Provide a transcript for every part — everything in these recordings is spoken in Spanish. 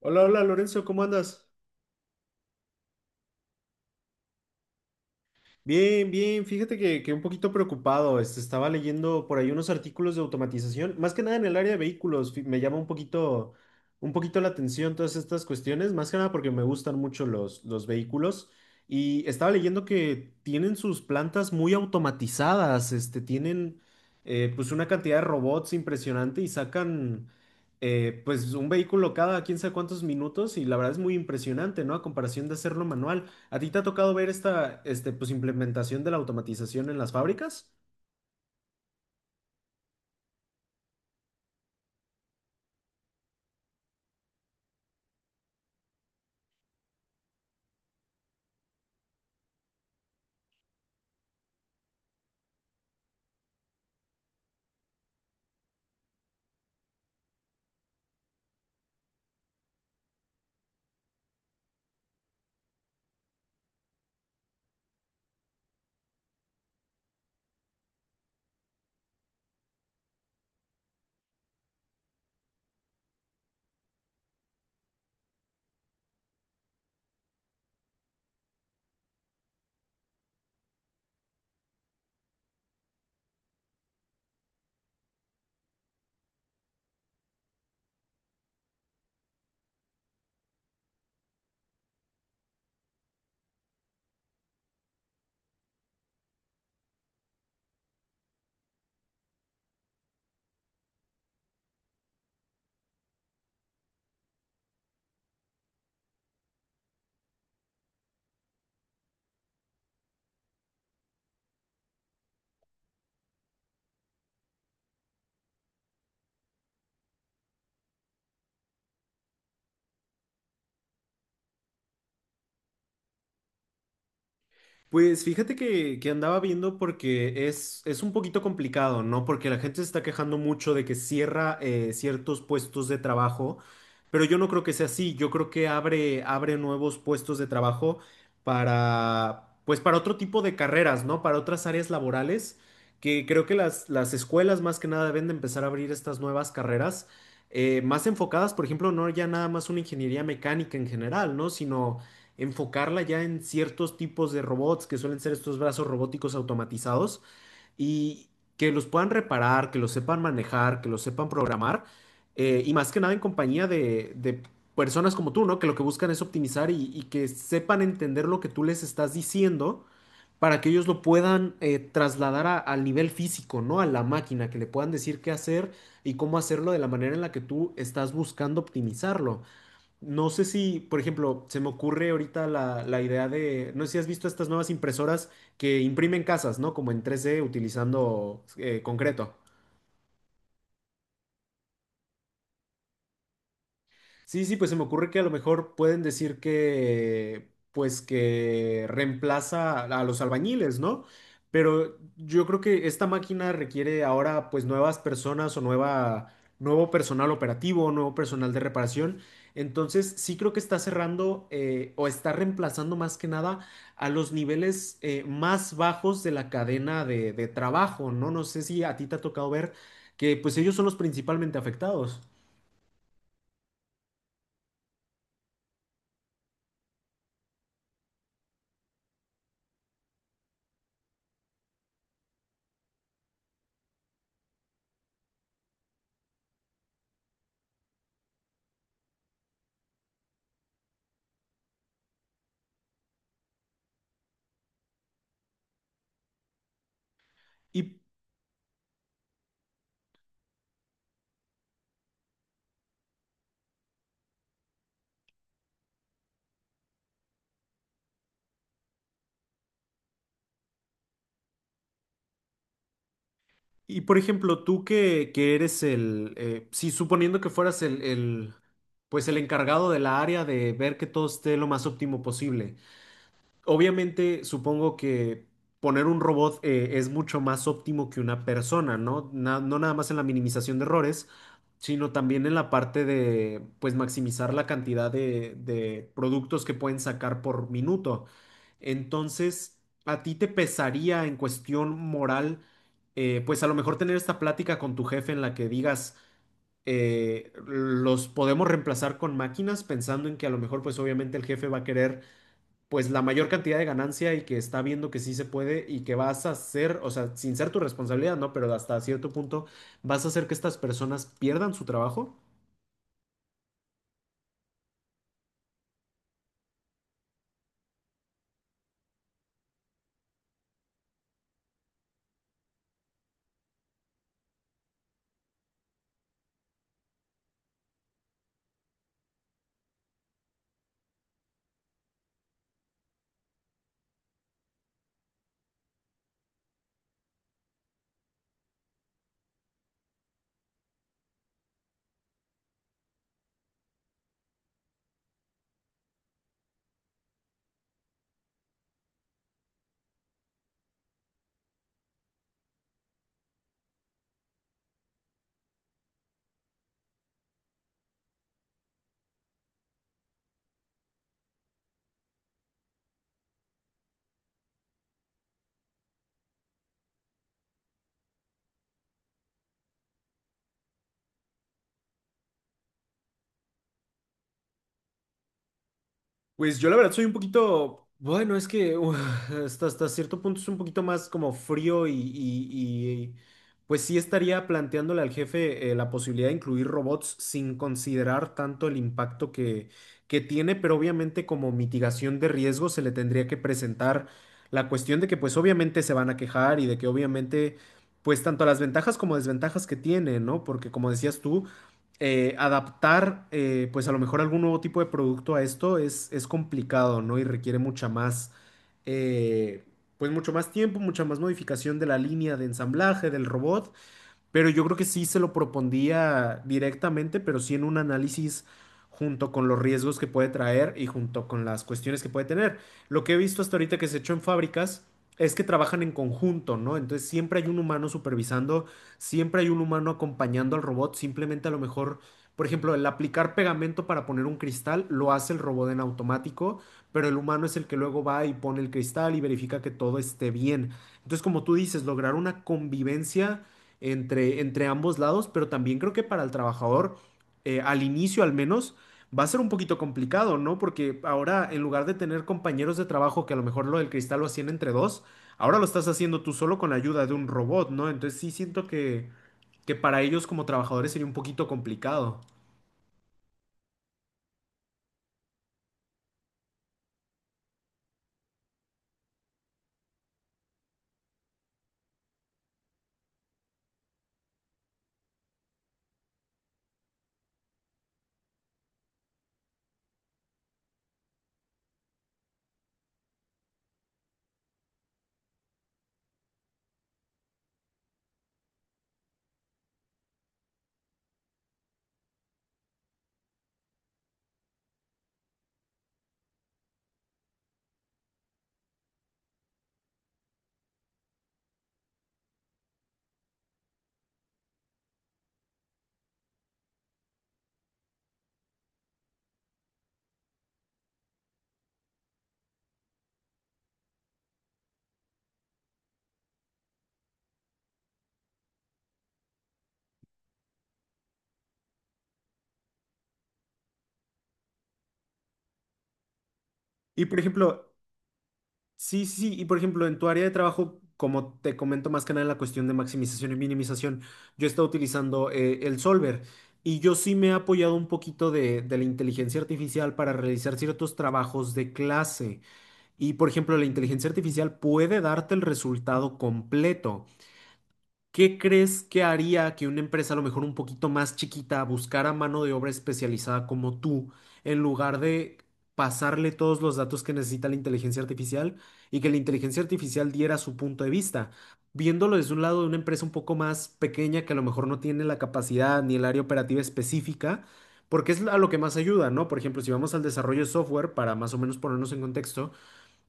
Hola, hola Lorenzo, ¿cómo andas? Bien, bien, fíjate que un poquito preocupado, estaba leyendo por ahí unos artículos de automatización, más que nada en el área de vehículos, me llama un poquito la atención todas estas cuestiones, más que nada porque me gustan mucho los vehículos y estaba leyendo que tienen sus plantas muy automatizadas, este, tienen pues una cantidad de robots impresionante y sacan pues un vehículo cada quién sabe cuántos minutos y la verdad es muy impresionante, ¿no? A comparación de hacerlo manual. ¿A ti te ha tocado ver esta, este, pues, implementación de la automatización en las fábricas? Pues fíjate que andaba viendo porque es un poquito complicado, ¿no? Porque la gente se está quejando mucho de que cierra ciertos puestos de trabajo, pero yo no creo que sea así. Yo creo que abre nuevos puestos de trabajo para, pues para otro tipo de carreras, ¿no? Para otras áreas laborales, que creo que las escuelas más que nada deben de empezar a abrir estas nuevas carreras, más enfocadas, por ejemplo, no ya nada más una ingeniería mecánica en general, ¿no? Sino enfocarla ya en ciertos tipos de robots que suelen ser estos brazos robóticos automatizados y que los puedan reparar, que los sepan manejar, que los sepan programar, y más que nada en compañía de personas como tú, ¿no? Que lo que buscan es optimizar y que sepan entender lo que tú les estás diciendo para que ellos lo puedan, trasladar al nivel físico, ¿no? A la máquina, que le puedan decir qué hacer y cómo hacerlo de la manera en la que tú estás buscando optimizarlo. No sé si, por ejemplo, se me ocurre ahorita la idea de, no sé si has visto estas nuevas impresoras que imprimen casas, ¿no? Como en 3D utilizando concreto. Sí, sí, pues se me ocurre que a lo mejor pueden decir que, pues que reemplaza a los albañiles, ¿no? Pero yo creo que esta máquina requiere ahora pues nuevas personas o nueva, nuevo personal operativo, nuevo personal de reparación. Entonces sí creo que está cerrando, o está reemplazando más que nada a los niveles más bajos de la cadena de trabajo, ¿no? No sé si a ti te ha tocado ver que pues ellos son los principalmente afectados. Y Y por ejemplo, tú que eres el, sí, suponiendo que fueras el pues el encargado de la área de ver que todo esté lo más óptimo posible. Obviamente, supongo que poner un robot, es mucho más óptimo que una persona, ¿no? No nada más en la minimización de errores, sino también en la parte de, pues, maximizar la cantidad de productos que pueden sacar por minuto. Entonces, ¿a ti te pesaría en cuestión moral, pues a lo mejor tener esta plática con tu jefe en la que digas, los podemos reemplazar con máquinas, pensando en que a lo mejor, pues obviamente el jefe va a querer pues la mayor cantidad de ganancia y que está viendo que sí se puede y que vas a hacer, o sea, sin ser tu responsabilidad, ¿no? Pero hasta cierto punto vas a hacer que estas personas pierdan su trabajo. Pues yo la verdad soy un poquito, bueno, es que uf, hasta, hasta cierto punto es un poquito más como frío y, pues sí estaría planteándole al jefe, la posibilidad de incluir robots sin considerar tanto el impacto que tiene, pero obviamente como mitigación de riesgo se le tendría que presentar la cuestión de que pues obviamente se van a quejar y de que obviamente pues tanto las ventajas como desventajas que tiene, ¿no? Porque como decías tú, adaptar, pues a lo mejor algún nuevo tipo de producto a esto es complicado, ¿no? Y requiere mucha más, eh, pues mucho más tiempo, mucha más modificación de la línea de ensamblaje del robot, pero yo creo que sí se lo propondría directamente, pero sí en un análisis junto con los riesgos que puede traer y junto con las cuestiones que puede tener. Lo que he visto hasta ahorita que se ha hecho en fábricas es que trabajan en conjunto, ¿no? Entonces siempre hay un humano supervisando, siempre hay un humano acompañando al robot, simplemente a lo mejor, por ejemplo, el aplicar pegamento para poner un cristal lo hace el robot en automático, pero el humano es el que luego va y pone el cristal y verifica que todo esté bien. Entonces, como tú dices, lograr una convivencia entre ambos lados, pero también creo que para el trabajador, al inicio al menos, va a ser un poquito complicado, ¿no? Porque ahora, en lugar de tener compañeros de trabajo que a lo mejor lo del cristal lo hacían entre dos, ahora lo estás haciendo tú solo con la ayuda de un robot, ¿no? Entonces sí siento que para ellos como trabajadores sería un poquito complicado. Y por ejemplo, Sí, sí, sí. Y por ejemplo, en tu área de trabajo, como te comento más que nada en la cuestión de maximización y minimización, yo he estado utilizando, el Solver y yo sí me he apoyado un poquito de la inteligencia artificial para realizar ciertos trabajos de clase. Y por ejemplo, la inteligencia artificial puede darte el resultado completo. ¿Qué crees que haría que una empresa a lo mejor un poquito más chiquita buscara mano de obra especializada como tú, en lugar de pasarle todos los datos que necesita la inteligencia artificial y que la inteligencia artificial diera su punto de vista? Viéndolo desde un lado de una empresa un poco más pequeña que a lo mejor no tiene la capacidad ni el área operativa específica, porque es a lo que más ayuda, ¿no? Por ejemplo, si vamos al desarrollo de software, para más o menos ponernos en contexto,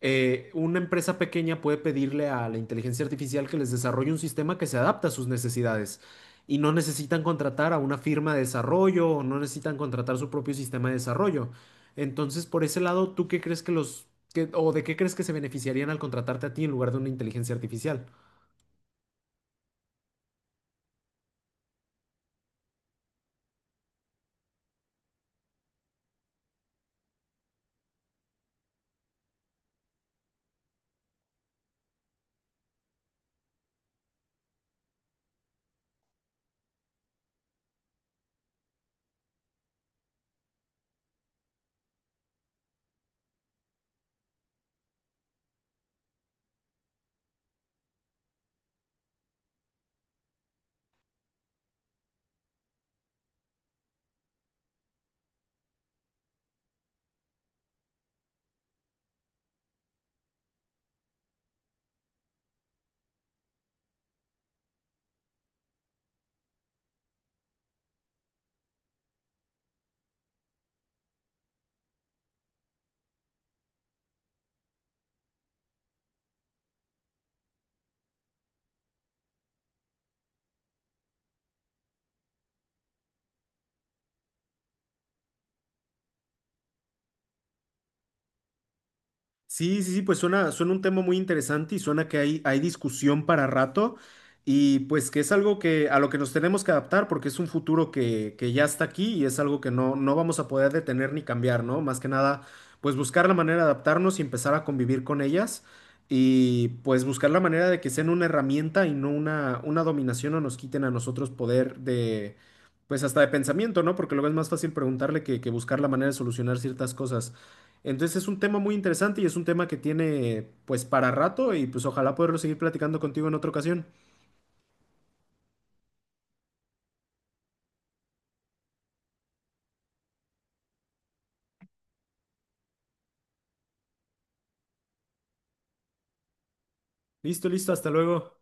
una empresa pequeña puede pedirle a la inteligencia artificial que les desarrolle un sistema que se adapte a sus necesidades y no necesitan contratar a una firma de desarrollo o no necesitan contratar su propio sistema de desarrollo. Entonces, por ese lado, ¿tú qué crees que o de qué crees que se beneficiarían al contratarte a ti en lugar de una inteligencia artificial? Sí, sí, sí, pues suena, suena un tema muy interesante y suena que hay discusión para rato y pues que es algo que a lo que nos tenemos que adaptar porque es un futuro que ya está aquí y es algo que no, no vamos a poder detener ni cambiar, ¿no? Más que nada, pues buscar la manera de adaptarnos y empezar a convivir con ellas y pues buscar la manera de que sean una herramienta y no una, una dominación o nos quiten a nosotros poder de, pues hasta de pensamiento, ¿no? Porque luego es más fácil preguntarle que buscar la manera de solucionar ciertas cosas. Entonces es un tema muy interesante y es un tema que tiene pues para rato y pues ojalá poderlo seguir platicando contigo en otra ocasión. Listo, listo, hasta luego.